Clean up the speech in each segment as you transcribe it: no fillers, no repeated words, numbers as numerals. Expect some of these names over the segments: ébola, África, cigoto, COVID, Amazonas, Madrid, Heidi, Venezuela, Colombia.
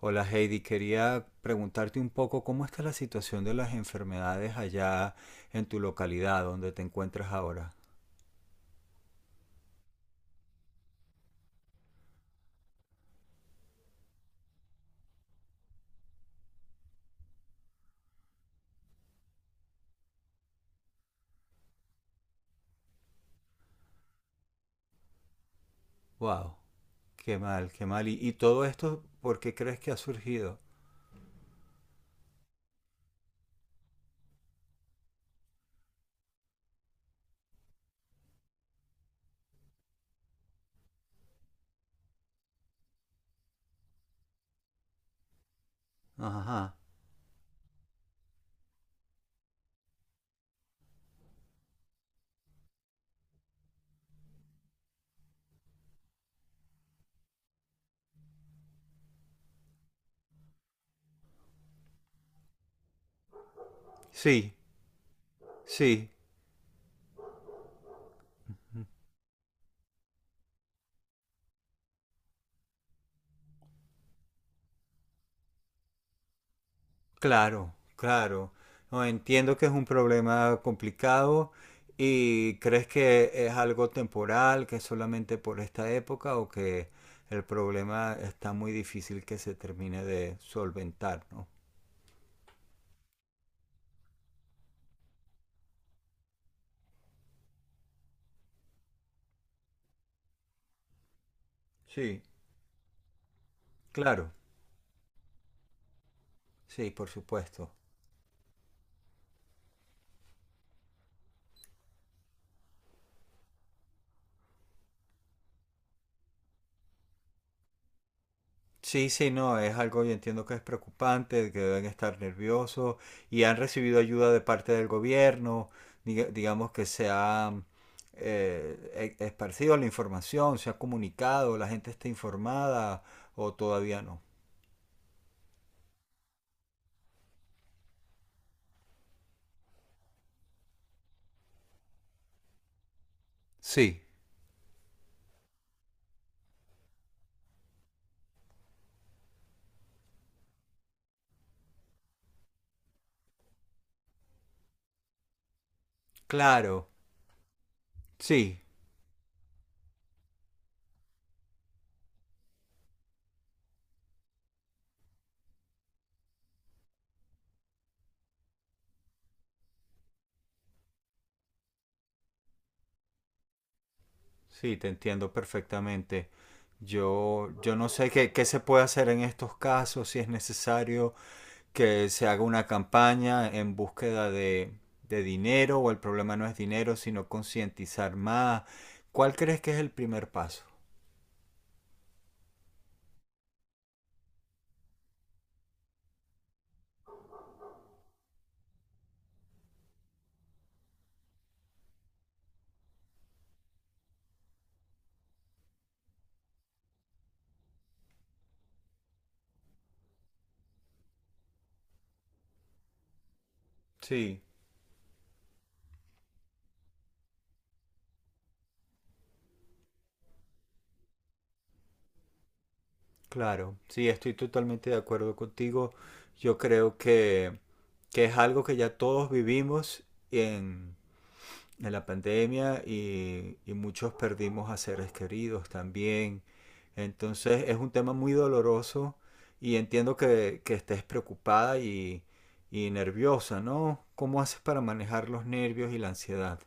Hola Heidi, quería preguntarte un poco cómo está la situación de las enfermedades allá en tu localidad donde te encuentras ahora. Wow, qué mal, qué mal. ¿Y todo esto por qué crees que ha surgido? Ajá. Sí, sí, claro, claro. No, entiendo que es un problema complicado y crees que es algo temporal, que es solamente por esta época o que el problema está muy difícil que se termine de solventar, ¿no? Sí. Claro, sí, por supuesto. Sí, sí, no, es algo, yo entiendo que es preocupante, que deben estar nerviosos y han recibido ayuda de parte del gobierno, digamos que se ha esparcido la información, se ha comunicado, la gente está informada o todavía no. Sí, claro, sí, sí, te entiendo perfectamente. Yo no sé qué, qué se puede hacer en estos casos, si es necesario que se haga una campaña en búsqueda de dinero o el problema no es dinero, sino concientizar más. ¿Cuál crees que es el primer paso? Sí, claro, sí, estoy totalmente de acuerdo contigo. Yo creo que es algo que ya todos vivimos en, de la pandemia y muchos perdimos a seres queridos también. Entonces es un tema muy doloroso y entiendo que estés preocupada y nerviosa, ¿no? ¿Cómo haces para manejar los nervios y la ansiedad?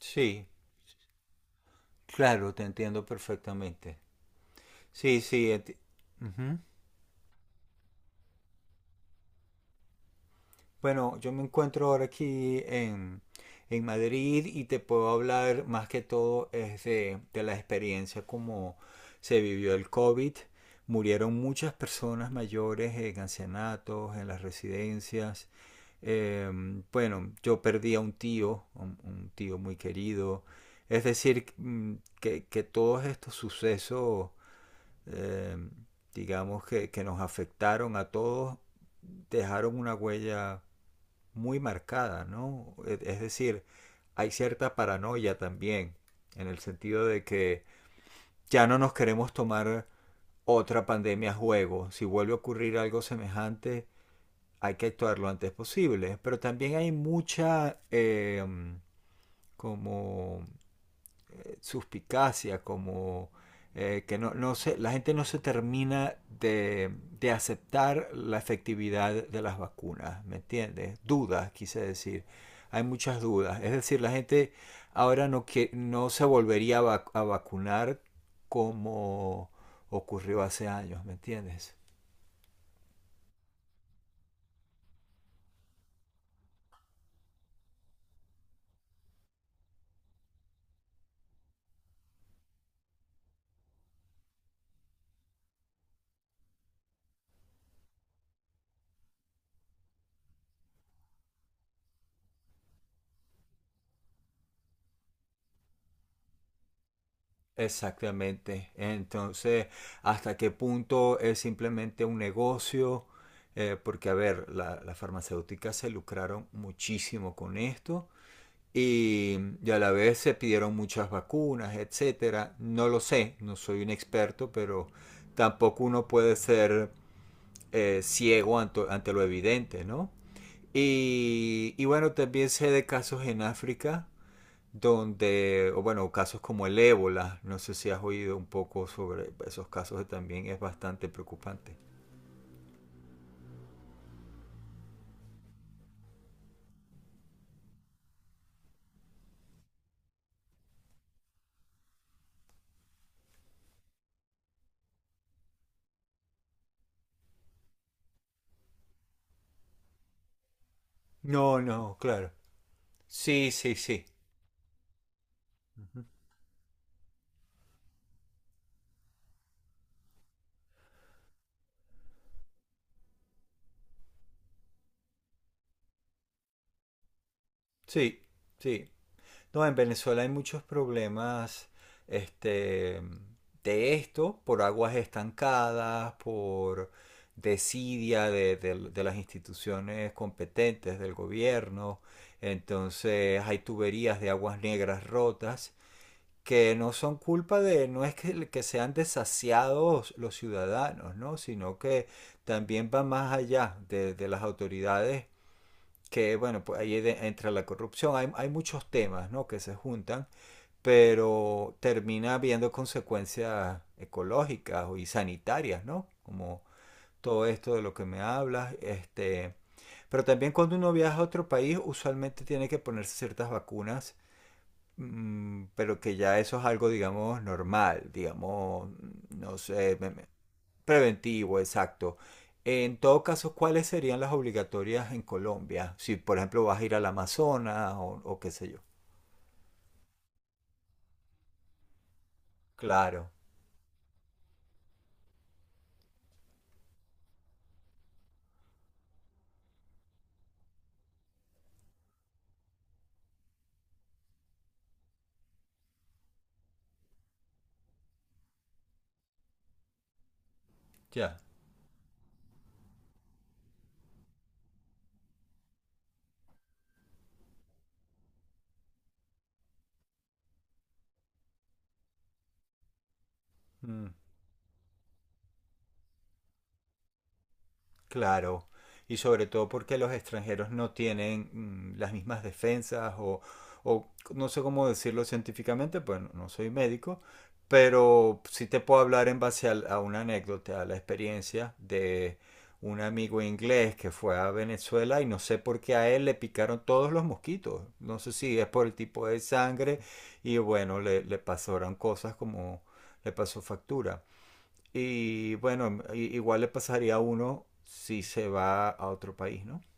Sí, claro, te entiendo perfectamente. Sí, sí, ujú. Bueno, yo me encuentro ahora aquí en Madrid y te puedo hablar más que todo es de la experiencia como se vivió el COVID. Murieron muchas personas mayores en ancianatos, en las residencias. Eh, bueno, yo perdí a un tío, un tío muy querido. Es decir, mm, que todos estos sucesos, eh, digamos, que nos afectaron a todos, dejaron una huella muy marcada, ¿no? Es decir, hay cierta paranoia también, en el sentido de que ya no nos queremos tomar otra pandemia a juego. Si vuelve a ocurrir algo semejante, hay que actuar lo antes posible. Pero también hay mucha como suspicacia, como que no, no se, la gente no se termina de aceptar la efectividad de las vacunas, ¿me entiendes? Dudas, quise decir. Hay muchas dudas. Es decir, la gente ahora no, que, no se volvería a, a vacunar como ocurrió hace años, ¿me entiendes? Exactamente. Entonces, ¿hasta qué punto es simplemente un negocio? Porque, a ver, las farmacéuticas se lucraron muchísimo con esto y, y a la vez se pidieron muchas vacunas, etcétera. No lo sé, no soy un experto, pero tampoco uno puede ser ciego ante lo evidente, ¿no? Y bueno, también sé de casos en África donde, o bueno, casos como el ébola, no sé si has oído un poco sobre esos casos, que también es bastante preocupante. No, no, claro. Sí, sí, sí. Ujú. Sí, sí. No, en Venezuela hay muchos problemas, este, de esto, por aguas estancadas, por desidia de, de las instituciones competentes del gobierno. Entonces hay tuberías de aguas negras rotas que no son culpa de, no es que sean desasiados los ciudadanos, ¿no? Sino que también va más allá de las autoridades, que bueno, pues ahí entra la corrupción, hay muchos temas, ¿no? Que se juntan, pero termina habiendo consecuencias ecológicas y sanitarias, ¿no? Como todo esto de lo que me hablas, este... Pero también cuando uno viaja a otro país, usualmente tiene que ponerse ciertas vacunas. Mm, pero que ya eso es algo, digamos, normal, digamos, no sé, preventivo, exacto. En todo caso, ¿cuáles serían las obligatorias en Colombia? Si, por ejemplo, vas a ir al Amazonas o qué sé yo. Claro, ya. Mm. Claro, y sobre todo porque los extranjeros no tienen mm, las mismas defensas o no sé cómo decirlo científicamente, pues no no soy médico, pero sí te puedo hablar en base a, una anécdota, a la experiencia de un amigo inglés que fue a Venezuela y no sé por qué a él le picaron todos los mosquitos, no sé si es por el tipo de sangre y bueno, le pasaron cosas como le pasó factura. Y bueno, igual le pasaría a uno si se va a otro país, ¿no?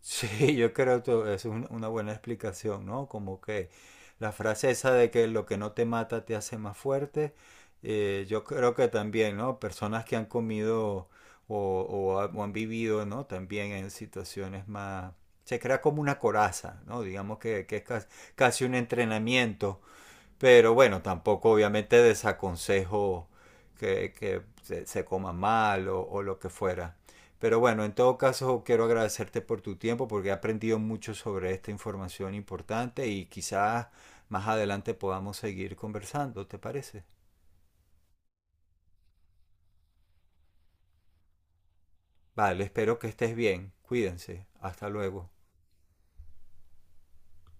Sí, yo creo que es una buena explicación, ¿no? Como que la frase esa de que lo que no te mata te hace más fuerte, yo creo que también, ¿no? Personas que han comido o o han vivido, ¿no? También en situaciones más... Se crea como una coraza, ¿no? Digamos que es casi un entrenamiento. Pero bueno, tampoco obviamente desaconsejo que se coma mal o lo que fuera. Pero bueno, en todo caso quiero agradecerte por tu tiempo porque he aprendido mucho sobre esta información importante y quizás más adelante podamos seguir conversando, ¿te parece? Vale, espero que estés bien. Cuídense. Hasta luego.